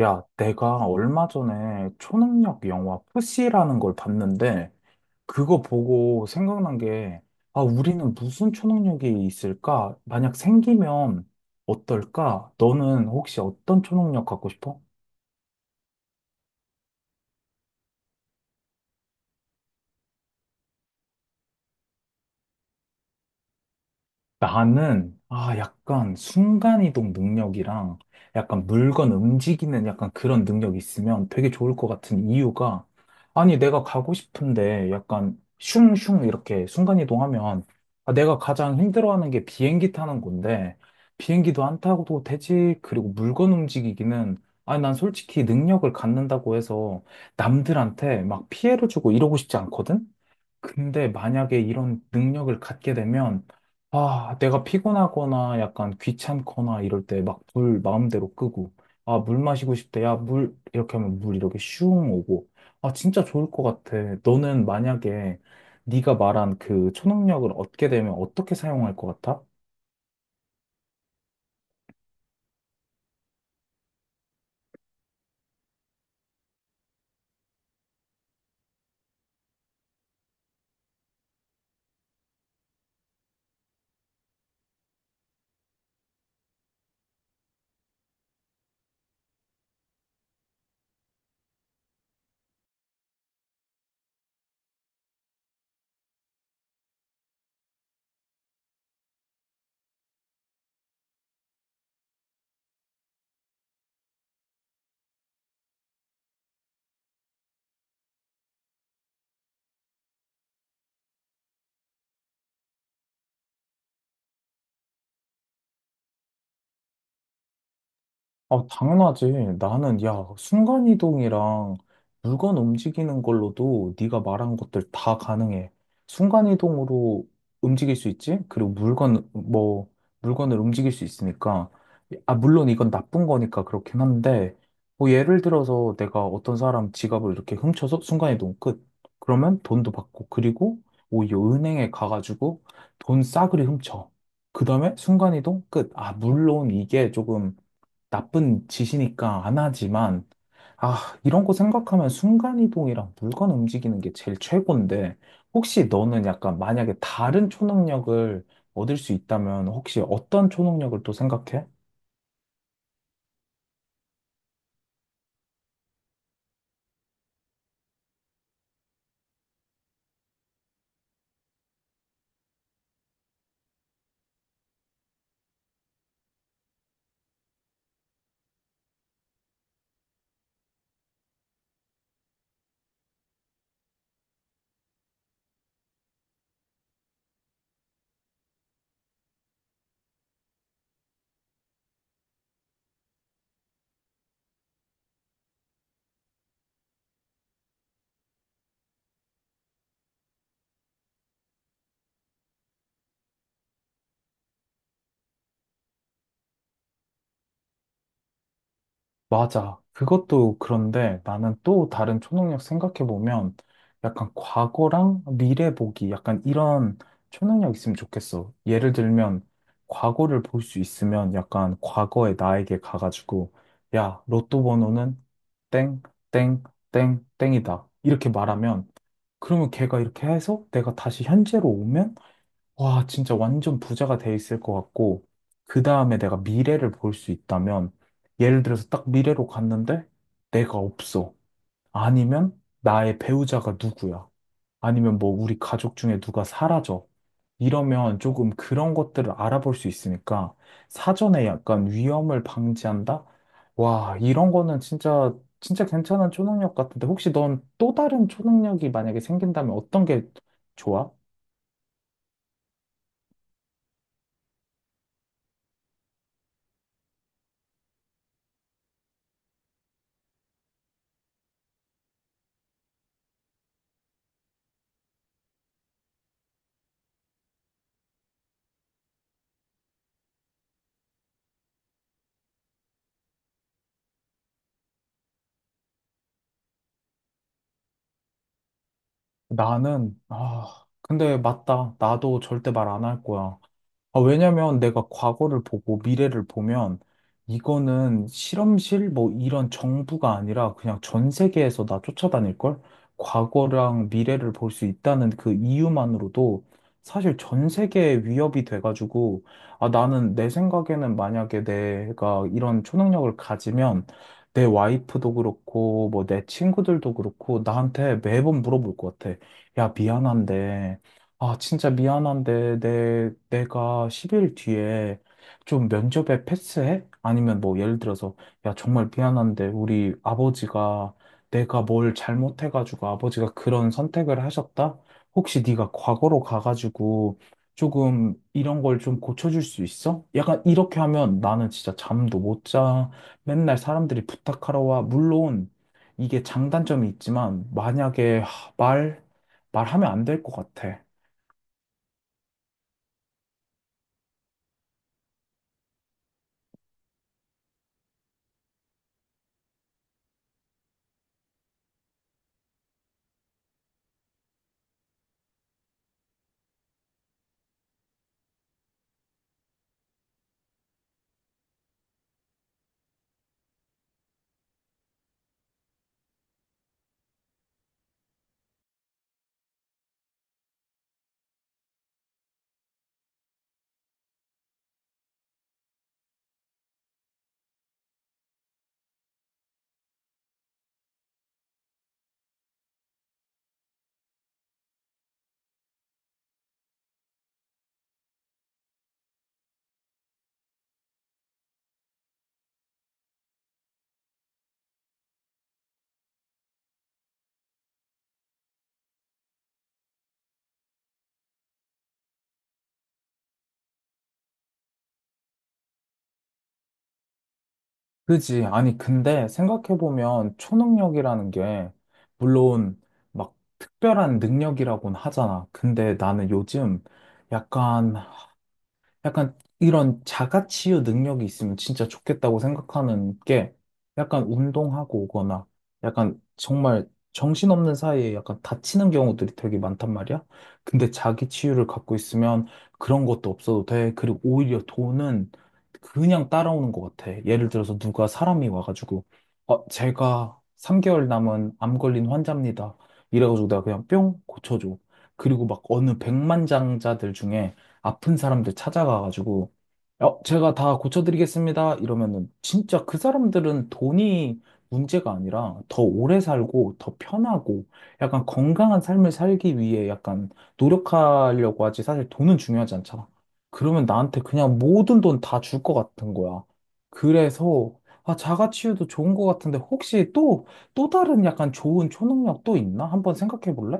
야, 내가 얼마 전에 초능력 영화 푸시라는 걸 봤는데, 그거 보고 생각난 게, 아, 우리는 무슨 초능력이 있을까? 만약 생기면 어떨까? 너는 혹시 어떤 초능력 갖고 싶어? 나는, 아, 약간 순간이동 능력이랑 약간 물건 움직이는 약간 그런 능력이 있으면 되게 좋을 것 같은 이유가, 아니, 내가 가고 싶은데 약간 슝슝 이렇게 순간이동하면, 아, 내가 가장 힘들어하는 게 비행기 타는 건데, 비행기도 안 타고도 되지. 그리고 물건 움직이기는, 아니, 난 솔직히 능력을 갖는다고 해서 남들한테 막 피해를 주고 이러고 싶지 않거든? 근데 만약에 이런 능력을 갖게 되면, 아, 내가 피곤하거나 약간 귀찮거나 이럴 때 막 불 마음대로 끄고, 아, 물 마시고 싶대. 야, 물, 이렇게 하면 물 이렇게 슝 오고. 아, 진짜 좋을 것 같아. 너는 만약에 네가 말한 그 초능력을 얻게 되면 어떻게 사용할 것 같아? 아, 당연하지. 나는, 야, 순간이동이랑 물건 움직이는 걸로도 네가 말한 것들 다 가능해. 순간이동으로 움직일 수 있지? 그리고 물건, 뭐, 물건을 움직일 수 있으니까. 아, 물론 이건 나쁜 거니까 그렇긴 한데, 뭐, 예를 들어서 내가 어떤 사람 지갑을 이렇게 훔쳐서 순간이동 끝. 그러면 돈도 받고, 그리고 오히려 은행에 가가지고 돈 싸그리 훔쳐. 그 다음에 순간이동 끝. 아, 물론 이게 조금 나쁜 짓이니까 안 하지만, 아, 이런 거 생각하면 순간이동이랑 물건 움직이는 게 제일 최고인데, 혹시 너는 약간 만약에 다른 초능력을 얻을 수 있다면, 혹시 어떤 초능력을 또 생각해? 맞아. 그것도 그런데 나는 또 다른 초능력 생각해보면 약간 과거랑 미래 보기 약간 이런 초능력 있으면 좋겠어. 예를 들면 과거를 볼 수 있으면 약간 과거의 나에게 가가지고 야, 로또 번호는 땡, 땡, 땡, 땡이다. 이렇게 말하면 그러면 걔가 이렇게 해서 내가 다시 현재로 오면 와, 진짜 완전 부자가 돼 있을 것 같고, 그 다음에 내가 미래를 볼 수 있다면, 예를 들어서 딱 미래로 갔는데, 내가 없어. 아니면 나의 배우자가 누구야. 아니면 뭐 우리 가족 중에 누가 사라져. 이러면 조금 그런 것들을 알아볼 수 있으니까, 사전에 약간 위험을 방지한다? 와, 이런 거는 진짜, 진짜 괜찮은 초능력 같은데, 혹시 넌 또 다른 초능력이 만약에 생긴다면 어떤 게 좋아? 나는, 아, 근데 맞다. 나도 절대 말 안 할 거야. 아, 왜냐면 내가 과거를 보고 미래를 보면 이거는 실험실 뭐 이런 정부가 아니라 그냥 전 세계에서 나 쫓아다닐걸? 과거랑 미래를 볼 수 있다는 그 이유만으로도 사실 전 세계에 위협이 돼가지고 아, 나는 내 생각에는 만약에 내가 이런 초능력을 가지면 내 와이프도 그렇고 뭐 내 친구들도 그렇고 나한테 매번 물어볼 것 같아. 야, 미안한데. 아, 진짜 미안한데, 내가 10일 뒤에 좀 면접에 패스해? 아니면 뭐, 예를 들어서, 야, 정말 미안한데, 우리 아버지가, 내가 뭘 잘못해가지고 아버지가 그런 선택을 하셨다? 혹시 네가 과거로 가가지고 조금 이런 걸 좀 고쳐줄 수 있어? 약간 이렇게 하면 나는 진짜 잠도 못 자. 맨날 사람들이 부탁하러 와. 물론, 이게 장단점이 있지만, 만약에 하, 말, 말하면 안 될 것 같아. 그지. 아니, 근데 생각해보면 초능력이라는 게, 물론 막 특별한 능력이라고는 하잖아. 근데 나는 요즘 약간 약간 이런 자가치유 능력이 있으면 진짜 좋겠다고 생각하는 게 약간 운동하고 오거나 약간 정말 정신없는 사이에 약간 다치는 경우들이 되게 많단 말이야. 근데 자기 치유를 갖고 있으면 그런 것도 없어도 돼. 그리고 오히려 돈은 그냥 따라오는 것 같아. 예를 들어서 누가 사람이 와가지고 어, 제가 3개월 남은 암 걸린 환자입니다. 이래가지고 내가 그냥 뿅 고쳐줘. 그리고 막 어느 백만장자들 중에 아픈 사람들 찾아가가지고, 어, 제가 다 고쳐드리겠습니다. 이러면은 진짜 그 사람들은 돈이 문제가 아니라 더 오래 살고 더 편하고 약간 건강한 삶을 살기 위해 약간 노력하려고 하지 사실 돈은 중요하지 않잖아. 그러면 나한테 그냥 모든 돈 다 줄 것 같은 거야. 그래서 아, 자가치유도 좋은 것 같은데 혹시 또, 또 다른 약간 좋은 초능력 또 있나? 한번 생각해 볼래?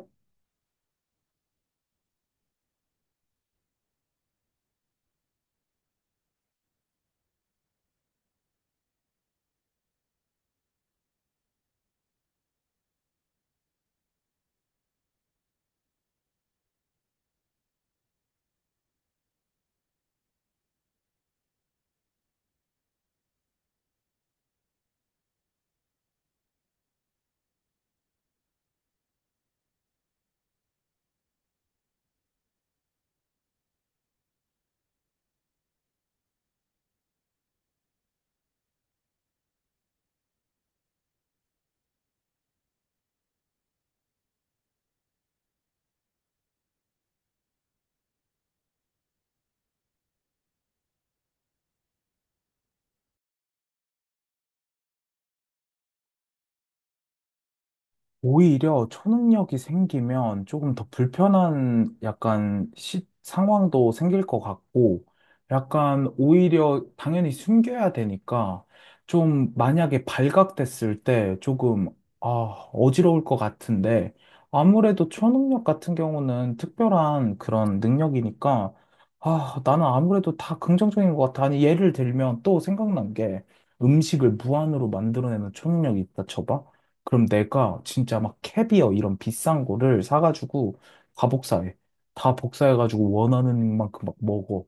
오히려 초능력이 생기면 조금 더 불편한 약간 시, 상황도 생길 것 같고, 약간 오히려 당연히 숨겨야 되니까, 좀 만약에 발각됐을 때 조금, 아, 어지러울 것 같은데, 아무래도 초능력 같은 경우는 특별한 그런 능력이니까, 아, 나는 아무래도 다 긍정적인 것 같아. 아니, 예를 들면 또 생각난 게 음식을 무한으로 만들어내는 초능력이 있다 쳐봐. 그럼 내가 진짜 막 캐비어 이런 비싼 거를 사가지고 다 복사해. 다 복사해가지고 원하는 만큼 막 먹어.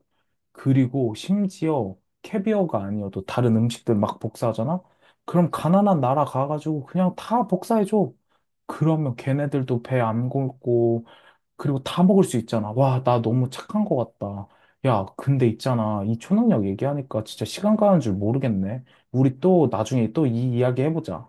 그리고 심지어 캐비어가 아니어도 다른 음식들 막 복사하잖아? 그럼 가난한 나라 가가지고 그냥 다 복사해줘. 그러면 걔네들도 배 안 굶고, 그리고 다 먹을 수 있잖아. 와, 나 너무 착한 것 같다. 야, 근데 있잖아. 이 초능력 얘기하니까 진짜 시간 가는 줄 모르겠네. 우리 또 나중에 또 이 이야기 해보자.